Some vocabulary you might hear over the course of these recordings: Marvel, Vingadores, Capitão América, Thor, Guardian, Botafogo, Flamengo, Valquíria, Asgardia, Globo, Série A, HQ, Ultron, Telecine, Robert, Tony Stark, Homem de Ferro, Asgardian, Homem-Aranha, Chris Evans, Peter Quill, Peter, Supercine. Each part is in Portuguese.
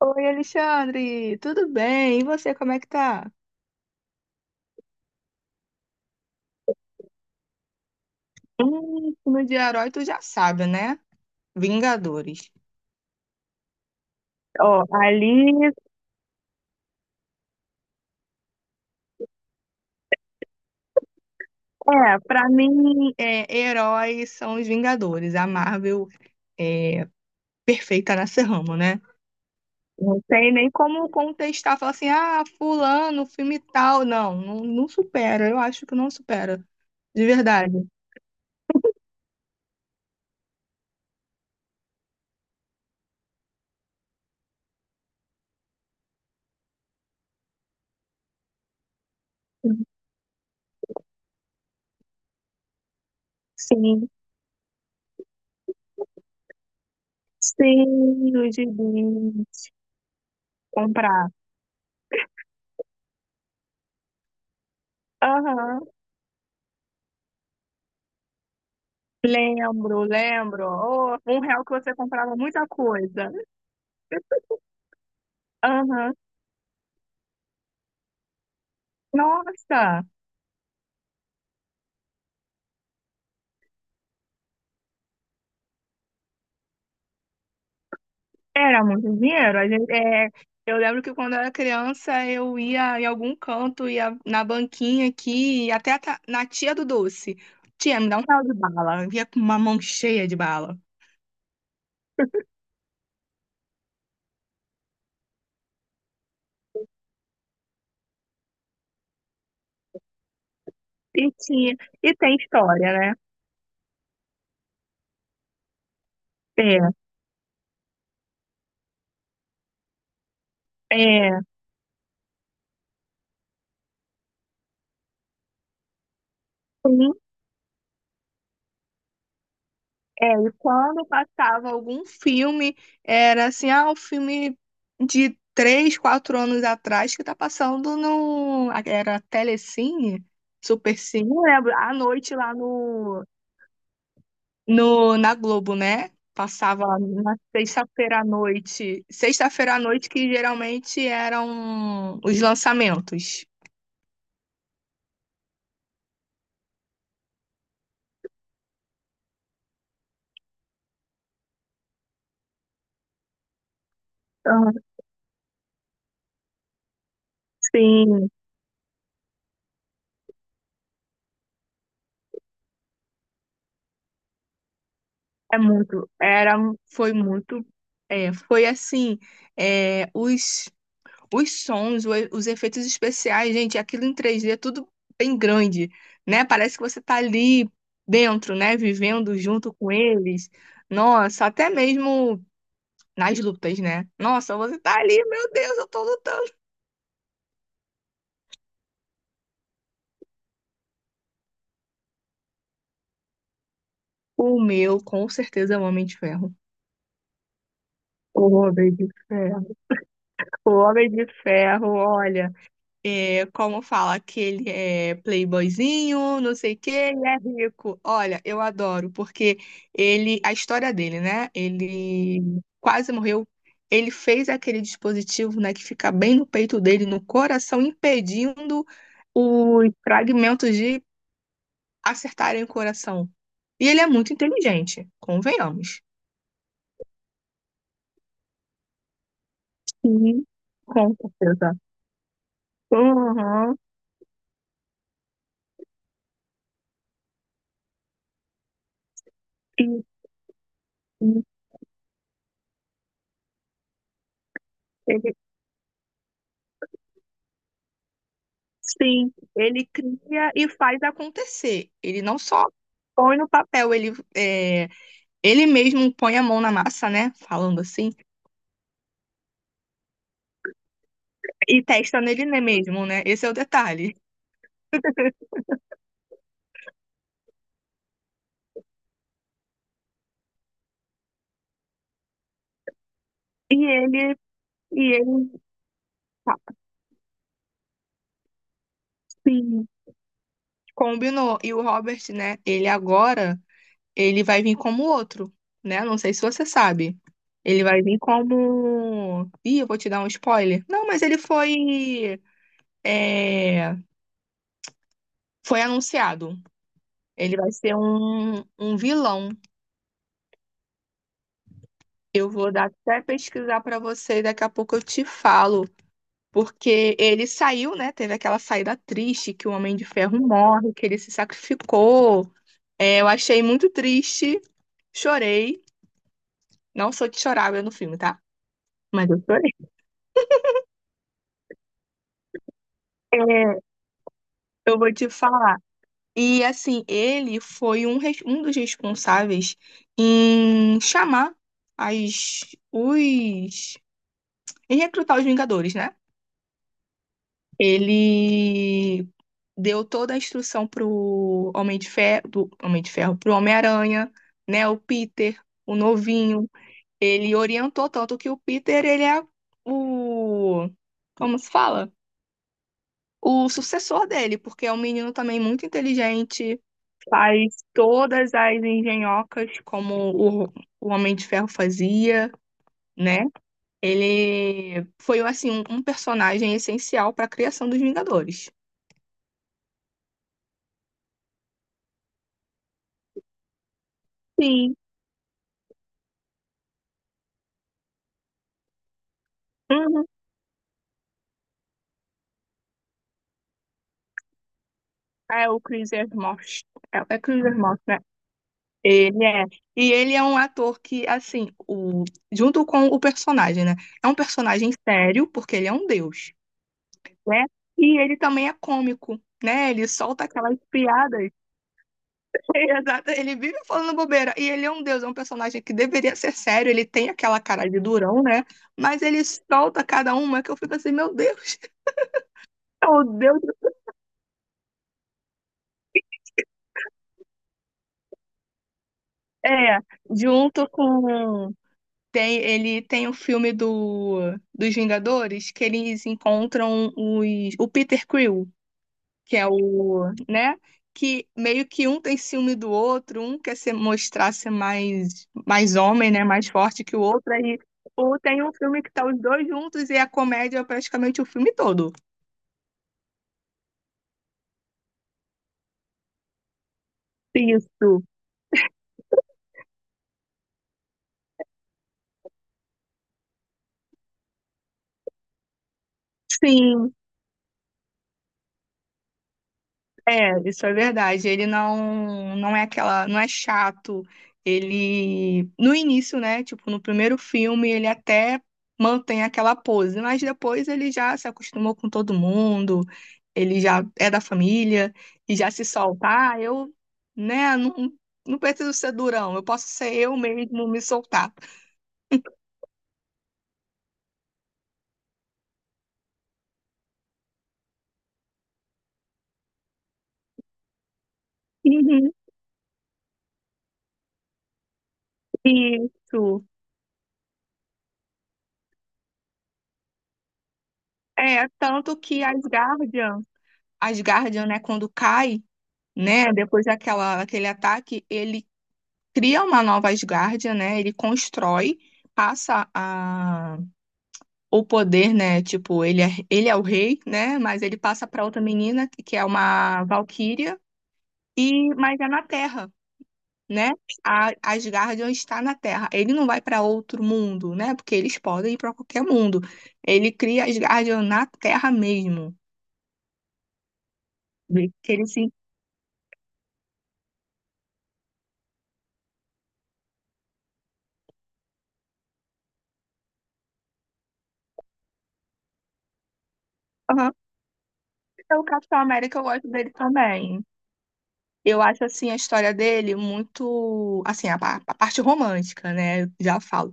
Oi, Alexandre, tudo bem? E você, como é que tá? Filme de herói, tu já sabe, né? Vingadores. Ó, ali, pra mim, heróis são os Vingadores. A Marvel é perfeita nesse ramo, né? Não tem nem como contestar, falar assim, ah, fulano, filme tal. Não, não, não supera, eu acho que não supera, de verdade. Sim, sim, os gibis, comprar. Aham. Lembro, lembro. Oh, R$ 1 que você comprava muita coisa. Aham. Nossa, era muito dinheiro. A gente, eu lembro que quando eu era criança, eu ia em algum canto, ia na banquinha aqui, até na tia do doce. Tia, me dá R$ 1 de bala. Eu ia com uma mão cheia de bala. E tinha, e tem história, né? É, é. Sim. É, e quando passava algum filme, era assim, ah, o filme de 3, 4 anos atrás que tá passando no. Era Telecine, Supercine, eu lembro, à noite lá no, no, na Globo, né? Passava na sexta-feira à noite. Sexta-feira à noite que geralmente eram os lançamentos. Ah, sim, é muito. Foi muito. É, foi assim, é, os os sons, os efeitos especiais, gente, aquilo em 3D é tudo bem grande, né? Parece que você tá ali dentro, né? Vivendo junto com eles. Nossa, até mesmo nas lutas, né? Nossa, você tá ali, meu Deus, eu tô lutando. O meu, com certeza, é o Homem de Ferro. O Homem de Ferro. O Homem de Ferro, olha. É, como fala que ele é playboyzinho, não sei o quê, e é rico. Olha, eu adoro, porque ele, a história dele, né? Ele quase morreu. Ele fez aquele dispositivo, né, que fica bem no peito dele, no coração, impedindo os fragmentos de acertarem o coração. E ele é muito inteligente, convenhamos. Sim, com certeza. Uhum. E- e, sim, ele cria e faz acontecer. Ele não só põe no papel, ele, ele mesmo põe a mão na massa, né? Falando assim, e testa nele mesmo, né? Esse é o detalhe. E ele, e ele, tá, sim, combinou. E o Robert, né? Ele agora, ele vai vir como outro, né? Não sei se você sabe. Ele vai vir como. Ih, eu vou te dar um spoiler. Não, mas ele foi. é, Foi anunciado. Ele vai ser um vilão. Eu vou dar até pesquisar para você e daqui a pouco eu te falo. Porque ele saiu, né? Teve aquela saída triste que o Homem de Ferro morre, que ele se sacrificou. É, eu achei muito triste, chorei. Não sou de chorar no filme, tá? Mas eu chorei. É, eu vou te falar. E assim, ele foi um dos responsáveis em chamar as, os. Em recrutar os Vingadores, né? Ele deu toda a instrução pro Homem de Ferro, do Homem de Ferro, pro Homem-Aranha, né? O Peter, o novinho. Ele orientou tanto que o Peter, ele é o, como se fala? O sucessor dele, porque é um menino também muito inteligente, faz todas as engenhocas como o Homem de Ferro fazia, né? Ele foi assim um personagem essencial para a criação dos Vingadores. Sim. Uhum. É o Chris Evans. É, é Chris Evans, né? Ele é. E ele é um ator que, assim, junto com o personagem, né? É um personagem sério, porque ele é um deus, né? E ele também é cômico, né? Ele solta aquelas piadas. Exato, ele vive falando bobeira. E ele é um deus, é um personagem que deveria ser sério, ele tem aquela cara de durão, né? Mas ele solta cada uma que eu fico assim, meu Deus, é o deus. É, junto com ele tem o filme dos Vingadores, que eles encontram o Peter Quill, que é o, né? Que meio que um tem ciúme do outro, um quer se mostrar ser mais, mais homem, né? Mais forte que o outro. Aí, ou tem um filme que tá os dois juntos e a comédia é praticamente o filme todo. Isso. Sim. É, isso é verdade. Ele não não é aquela, não é chato. Ele no início, né, tipo, no primeiro filme, ele até mantém aquela pose, mas depois ele já se acostumou com todo mundo, ele já é da família e já se soltar, eu, né, não, não preciso ser durão, eu posso ser eu mesmo me soltar. Uhum. Isso. É, tanto que as Guardian, né, quando cai né? Depois daquele ataque, ele cria uma nova Asgardia, né? Ele constrói, passa o poder, né? Tipo, ele é o rei, né? Mas ele passa para outra menina, que é uma Valquíria, e mas é na Terra. Né? A Asgardian está na Terra. Ele não vai para outro mundo, né? Porque eles podem ir para qualquer mundo. Ele cria Asgardian na Terra mesmo. Que ele se... Aham. Então, o Capitão América, eu gosto dele também. Eu acho assim a história dele muito, assim, a parte romântica, né? Eu já falo.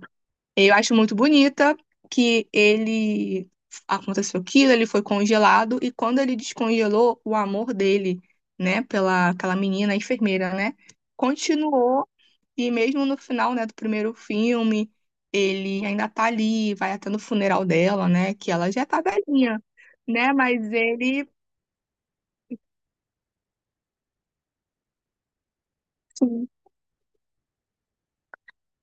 Eu acho muito bonita que ele aconteceu aquilo, ele foi congelado e quando ele descongelou o amor dele, né, pela aquela menina, a enfermeira, né, continuou e mesmo no final, né, do primeiro filme, ele ainda tá ali, vai até no funeral dela, né, que ela já tá velhinha, né, mas ele.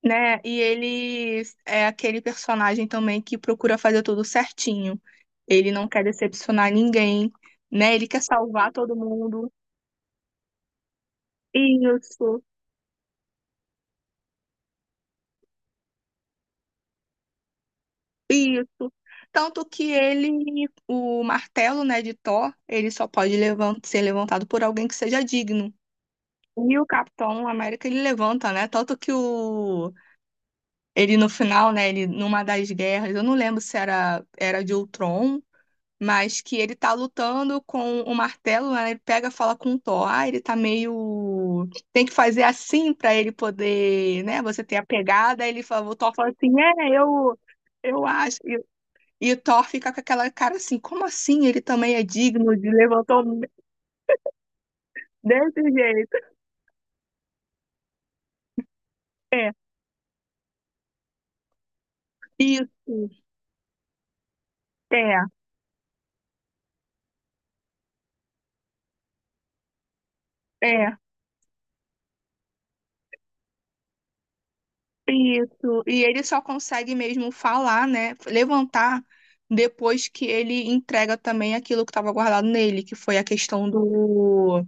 Né? E ele é aquele personagem também que procura fazer tudo certinho. Ele não quer decepcionar ninguém, né? Ele quer salvar todo mundo. Isso, isso. Tanto que ele, o martelo, né, de Thor, ele só pode ser levantado por alguém que seja digno. E o Capitão América ele levanta, né? Tanto que o ele no final, né, ele numa das guerras, eu não lembro se era de Ultron, mas que ele tá lutando com o martelo, né? Ele pega, e fala com o Thor, ah, ele tá meio, tem que fazer assim pra ele poder, né? Você ter a pegada. Ele fala, o Thor fala assim, eu acho. E o Thor fica com aquela cara assim, como assim? Ele também é digno de levantar desse jeito. É, isso. É, é. Isso, e ele só consegue mesmo falar, né, levantar depois que ele entrega também aquilo que estava guardado nele, que foi a questão do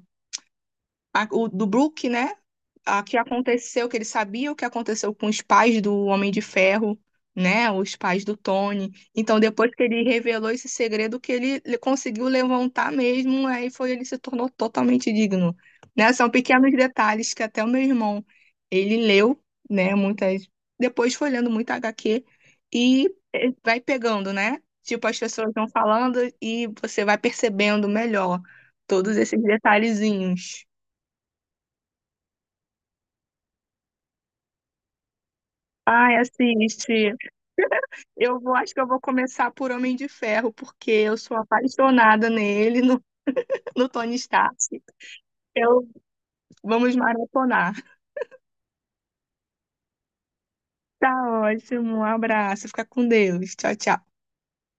a- o do Brook, né? A que aconteceu, que ele sabia o que aconteceu com os pais do Homem de Ferro, né? Os pais do Tony. Então, depois que ele revelou esse segredo, que ele conseguiu levantar mesmo, aí foi, ele se tornou totalmente digno. Né? São pequenos detalhes que até o meu irmão, ele leu, né? Muitas. Depois foi lendo muita HQ e vai pegando, né? Tipo, as pessoas vão falando e você vai percebendo melhor todos esses detalhezinhos. Ai, assiste. Eu vou, acho que eu vou começar por Homem de Ferro, porque eu sou apaixonada nele, no Tony Stark. Eu, vamos maratonar. Tá ótimo, um abraço, fica com Deus. Tchau, tchau.